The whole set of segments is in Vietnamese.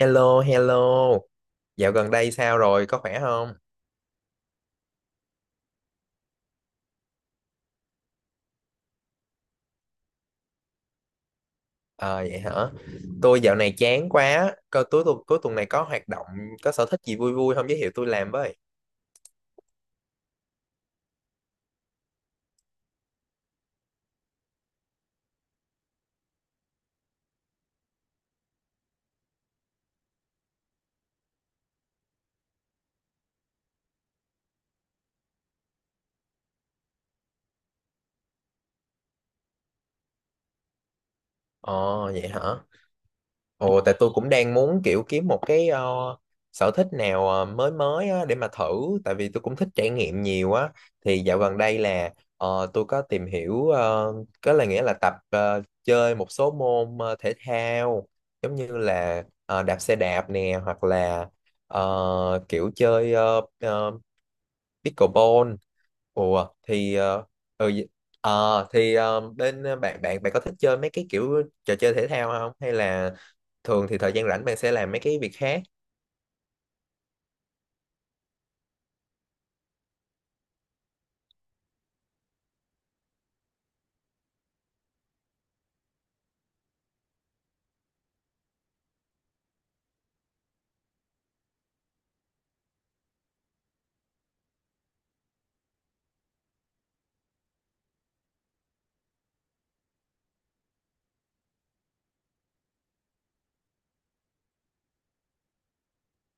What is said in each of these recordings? Hello, hello. Dạo gần đây sao rồi? Có khỏe không? Ờ vậy hả? Tôi dạo này chán quá. Coi cuối tuần này có hoạt động, có sở thích gì vui vui không giới thiệu tôi làm với. Ồ vậy hả? Ồ, tại tôi cũng đang muốn kiểu kiếm một cái sở thích nào mới mới á, để mà thử tại vì tôi cũng thích trải nghiệm nhiều á. Thì dạo gần đây là tôi có tìm hiểu có là nghĩa là tập chơi một số môn thể thao, giống như là đạp xe đạp nè, hoặc là kiểu chơi pickleball. Ủa thì ừ, thì bên bạn bạn bạn có thích chơi mấy cái kiểu trò chơi thể thao không, hay là thường thì thời gian rảnh bạn sẽ làm mấy cái việc khác?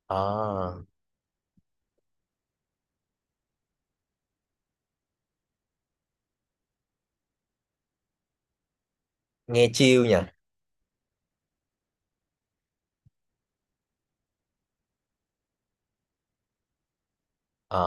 Ờ, nghe chill nhỉ. Ờ,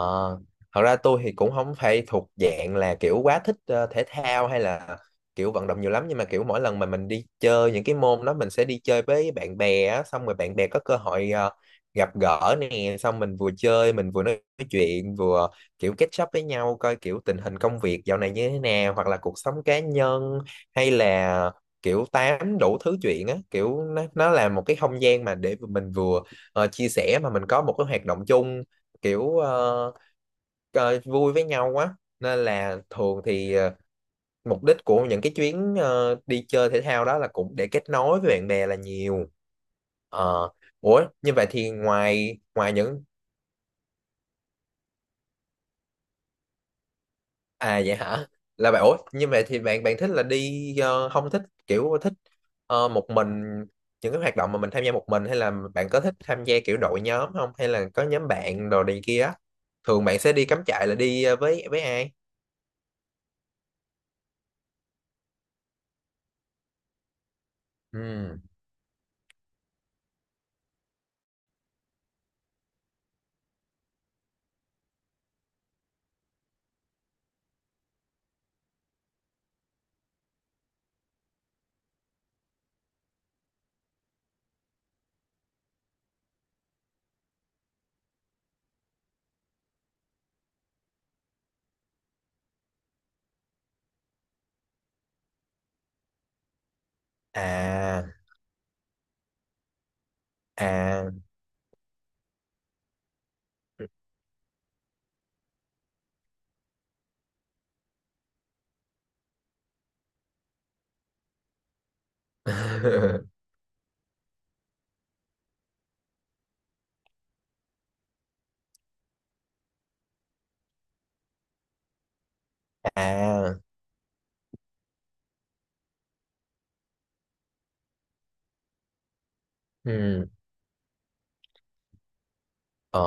thật ra tôi thì cũng không phải thuộc dạng là kiểu quá thích thể thao hay là kiểu vận động nhiều lắm, nhưng mà kiểu mỗi lần mà mình đi chơi những cái môn đó mình sẽ đi chơi với bạn bè á, xong rồi bạn bè có cơ hội gặp gỡ nè, xong mình vừa chơi mình vừa nói chuyện, vừa kiểu catch up với nhau, coi kiểu tình hình công việc dạo này như thế nào, hoặc là cuộc sống cá nhân, hay là kiểu tám đủ thứ chuyện á. Kiểu nó là một cái không gian mà để mình vừa chia sẻ mà mình có một cái hoạt động chung, kiểu vui với nhau quá, nên là thường thì mục đích của những cái chuyến đi chơi thể thao đó là cũng để kết nối với bạn bè là nhiều. Ờ, ủa như vậy thì ngoài ngoài những à vậy hả, là bạn ủa như vậy thì bạn bạn thích là đi không thích kiểu thích một mình, những cái hoạt động mà mình tham gia một mình, hay là bạn có thích tham gia kiểu đội nhóm không, hay là có nhóm bạn đồ này kia á? Thường bạn sẽ đi cắm trại là đi với ai? Ừ. À. À. À. Ừ. Ờ,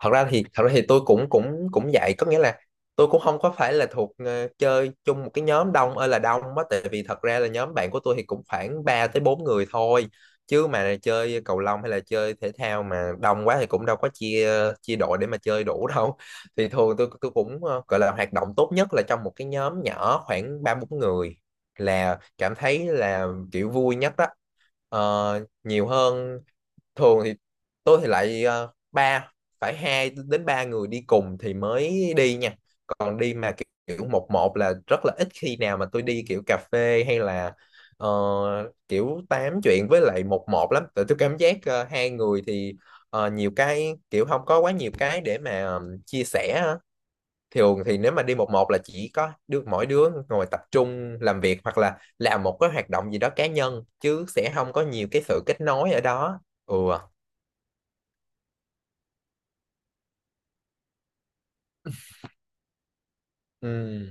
thật ra thì tôi cũng cũng cũng vậy có nghĩa là tôi cũng không có phải là thuộc chơi chung một cái nhóm đông ơi là đông á, tại vì thật ra là nhóm bạn của tôi thì cũng khoảng 3 tới 4 người thôi, chứ mà chơi cầu lông hay là chơi thể thao mà đông quá thì cũng đâu có chia chia đội để mà chơi đủ đâu. Thì thường tôi cũng gọi là hoạt động tốt nhất là trong một cái nhóm nhỏ khoảng ba bốn người là cảm thấy là kiểu vui nhất đó. Ờ, nhiều hơn thường thì tôi thì lại phải hai đến ba người đi cùng thì mới đi nha, còn đi mà kiểu kiểu một một là rất là ít khi nào mà tôi đi kiểu cà phê, hay là ờ, kiểu tám chuyện với lại một một lắm, tại tôi cảm giác hai người thì nhiều cái kiểu không có quá nhiều cái để mà chia sẻ á. Thường thì nếu mà đi một một là chỉ có đứa mỗi đứa ngồi tập trung làm việc, hoặc là làm một cái hoạt động gì đó cá nhân, chứ sẽ không có nhiều cái sự kết nối ở đó. Ừ. Ừ.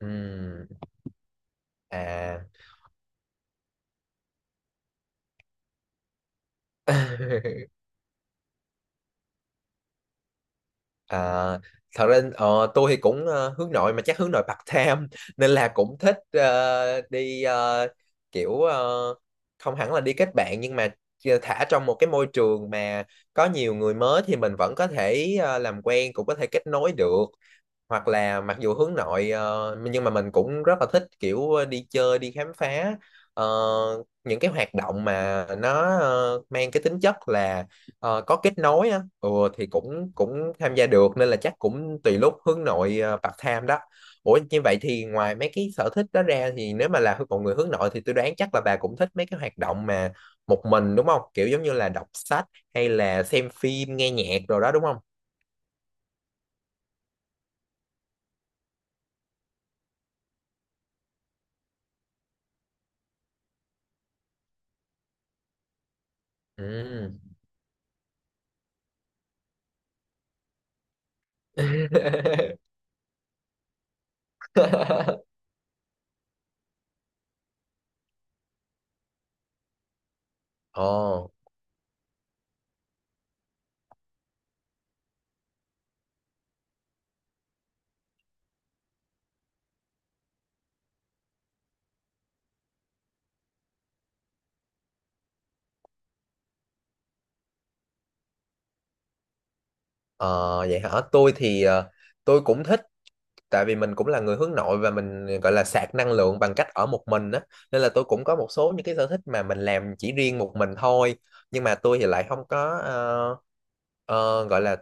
Ừ. À. À, thật ra tôi thì cũng hướng nội mà chắc hướng nội part time. Nên là cũng thích đi kiểu không hẳn là đi kết bạn, nhưng mà thả trong một cái môi trường mà có nhiều người mới thì mình vẫn có thể làm quen, cũng có thể kết nối được, hoặc là mặc dù hướng nội nhưng mà mình cũng rất là thích kiểu đi chơi đi khám phá ờ, những cái hoạt động mà nó mang cái tính chất là có kết nối á, ừ, thì cũng cũng tham gia được, nên là chắc cũng tùy lúc hướng nội part time đó. Ủa như vậy thì ngoài mấy cái sở thích đó ra thì nếu mà là một người hướng nội thì tôi đoán chắc là bà cũng thích mấy cái hoạt động mà một mình đúng không? Kiểu giống như là đọc sách, hay là xem phim, nghe nhạc rồi đó đúng không? Ừ. Ồ, ờ, vậy hả? Tôi thì tôi cũng thích tại vì mình cũng là người hướng nội và mình gọi là sạc năng lượng bằng cách ở một mình á, nên là tôi cũng có một số những cái sở thích mà mình làm chỉ riêng một mình thôi, nhưng mà tôi thì lại không có gọi là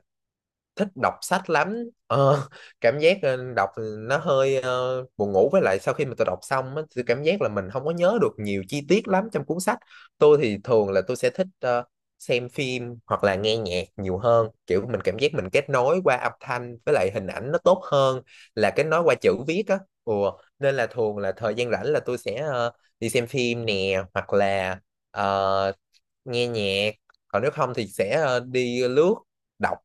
thích đọc sách lắm. ờ, Cảm giác đọc nó hơi buồn ngủ, với lại sau khi mà tôi đọc xong á, tôi cảm giác là mình không có nhớ được nhiều chi tiết lắm trong cuốn sách. Tôi thì thường là tôi sẽ thích xem phim hoặc là nghe nhạc nhiều hơn, kiểu mình cảm giác mình kết nối qua âm thanh với lại hình ảnh nó tốt hơn là kết nối qua chữ viết á. Ủa, nên là thường là thời gian rảnh là tôi sẽ đi xem phim nè, hoặc là ờ, nghe nhạc, còn nếu không thì sẽ đi lướt đọc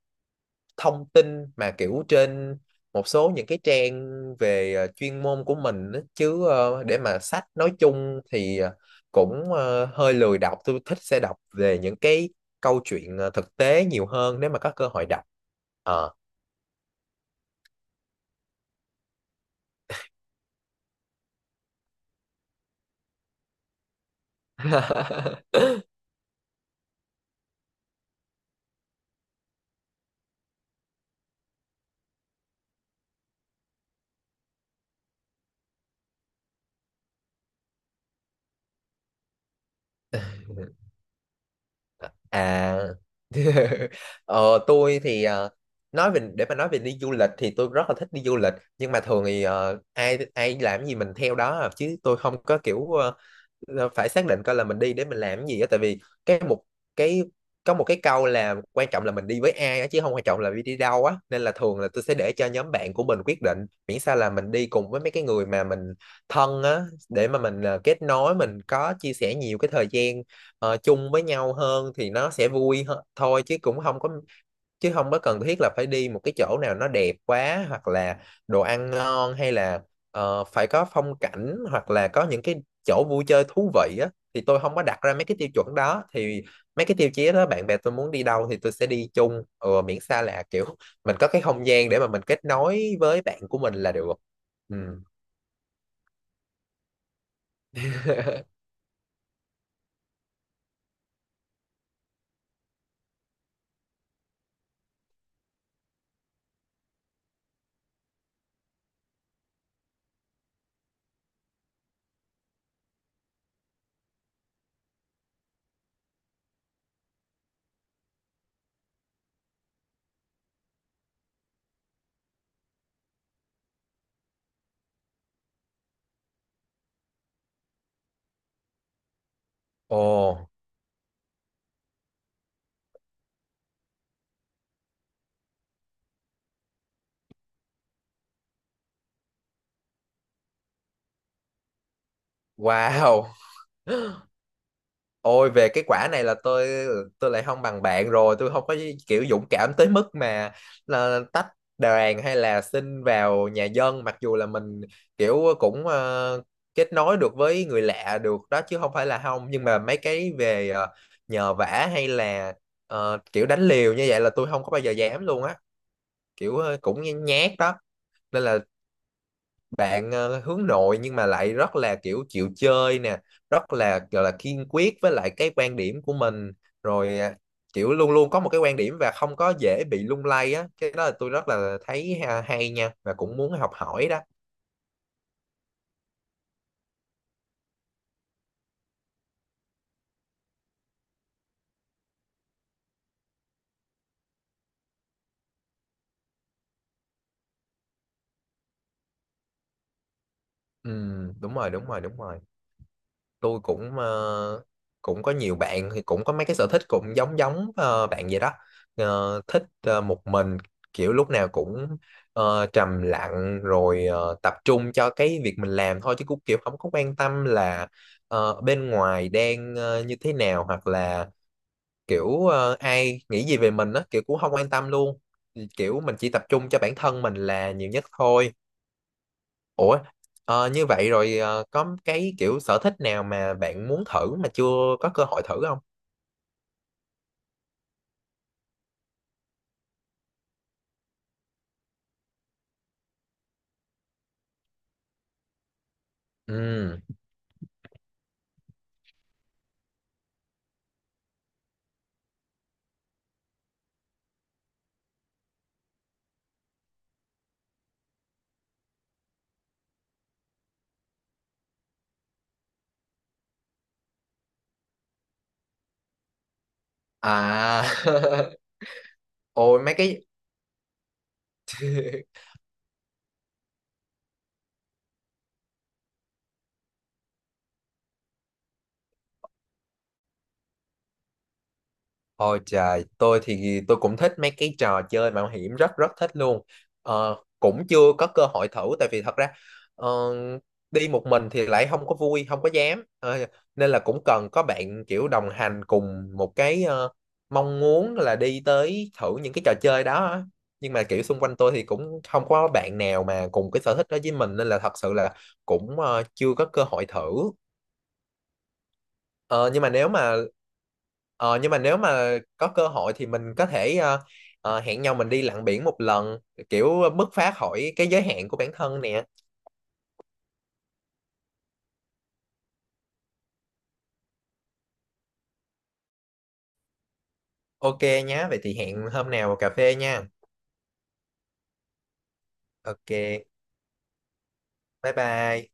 thông tin mà kiểu trên một số những cái trang về chuyên môn của mình á. Chứ để mà sách nói chung thì cũng hơi lười đọc. Tôi thích sẽ đọc về những cái câu chuyện thực tế nhiều hơn nếu mà có cơ hội đọc. Ờ. À, ờ, tôi thì nói về đi du lịch thì tôi rất là thích đi du lịch, nhưng mà thường thì ai ai làm gì mình theo đó à. Chứ tôi không có kiểu là phải xác định coi là mình đi để mình làm cái gì á, tại vì cái một cái có một cái câu là quan trọng là mình đi với ai á, chứ không quan trọng là đi đi đâu á, nên là thường là tôi sẽ để cho nhóm bạn của mình quyết định, miễn sao là mình đi cùng với mấy cái người mà mình thân á, để mà mình kết nối, mình có chia sẻ nhiều cái thời gian chung với nhau hơn thì nó sẽ vui hơn thôi, chứ cũng không có cần thiết là phải đi một cái chỗ nào nó đẹp quá, hoặc là đồ ăn ngon, hay là phải có phong cảnh, hoặc là có những cái chỗ vui chơi thú vị á. Thì tôi không có đặt ra mấy cái tiêu chuẩn đó, thì mấy cái tiêu chí đó bạn bè tôi muốn đi đâu thì tôi sẽ đi chung, ừ, miễn sao là kiểu mình có cái không gian để mà mình kết nối với bạn của mình là được. Ừ. Ồ, wow. Ôi về cái quả này là tôi lại không bằng bạn rồi, tôi không có kiểu dũng cảm tới mức mà là tách đoàn, hay là xin vào nhà dân, mặc dù là mình kiểu cũng kết nối được với người lạ được đó, chứ không phải là không, nhưng mà mấy cái về nhờ vả, hay là kiểu đánh liều như vậy là tôi không có bao giờ dám luôn á, kiểu cũng nhát đó. Nên là bạn hướng nội nhưng mà lại rất là kiểu chịu chơi nè, rất là gọi là kiên quyết với lại cái quan điểm của mình rồi, kiểu luôn luôn có một cái quan điểm và không có dễ bị lung lay á, cái đó là tôi rất là thấy hay nha, và cũng muốn học hỏi đó. Ừ, đúng rồi, đúng rồi, đúng rồi. Tôi cũng cũng có nhiều bạn thì cũng có mấy cái sở thích cũng giống giống bạn vậy đó. Ờ, thích một mình, kiểu lúc nào cũng trầm lặng rồi tập trung cho cái việc mình làm thôi, chứ cũng kiểu không có quan tâm là bên ngoài đang như thế nào, hoặc là kiểu ai nghĩ gì về mình á, kiểu cũng không quan tâm luôn. Thì kiểu mình chỉ tập trung cho bản thân mình là nhiều nhất thôi. Ủa, như vậy rồi có cái kiểu sở thích nào mà bạn muốn thử mà chưa có cơ hội thử không? Ừ. À, ôi mấy cái Ôi trời, tôi thì tôi cũng thích mấy cái trò chơi mạo hiểm, rất rất thích luôn. Ờ, cũng chưa có cơ hội thử tại vì thật ra ờ, đi một mình thì lại không có vui, không có dám. Ờ, nên là cũng cần có bạn kiểu đồng hành cùng một cái mong muốn là đi tới thử những cái trò chơi đó á. Nhưng mà kiểu xung quanh tôi thì cũng không có bạn nào mà cùng cái sở thích đó với mình, nên là thật sự là cũng chưa có cơ hội thử. Ờ, nhưng mà nếu mà có cơ hội thì mình có thể hẹn nhau mình đi lặn biển một lần, kiểu bứt phá khỏi cái giới hạn của bản thân nè. Ok nhá, vậy thì hẹn hôm nào cà phê nha. Ok, bye bye.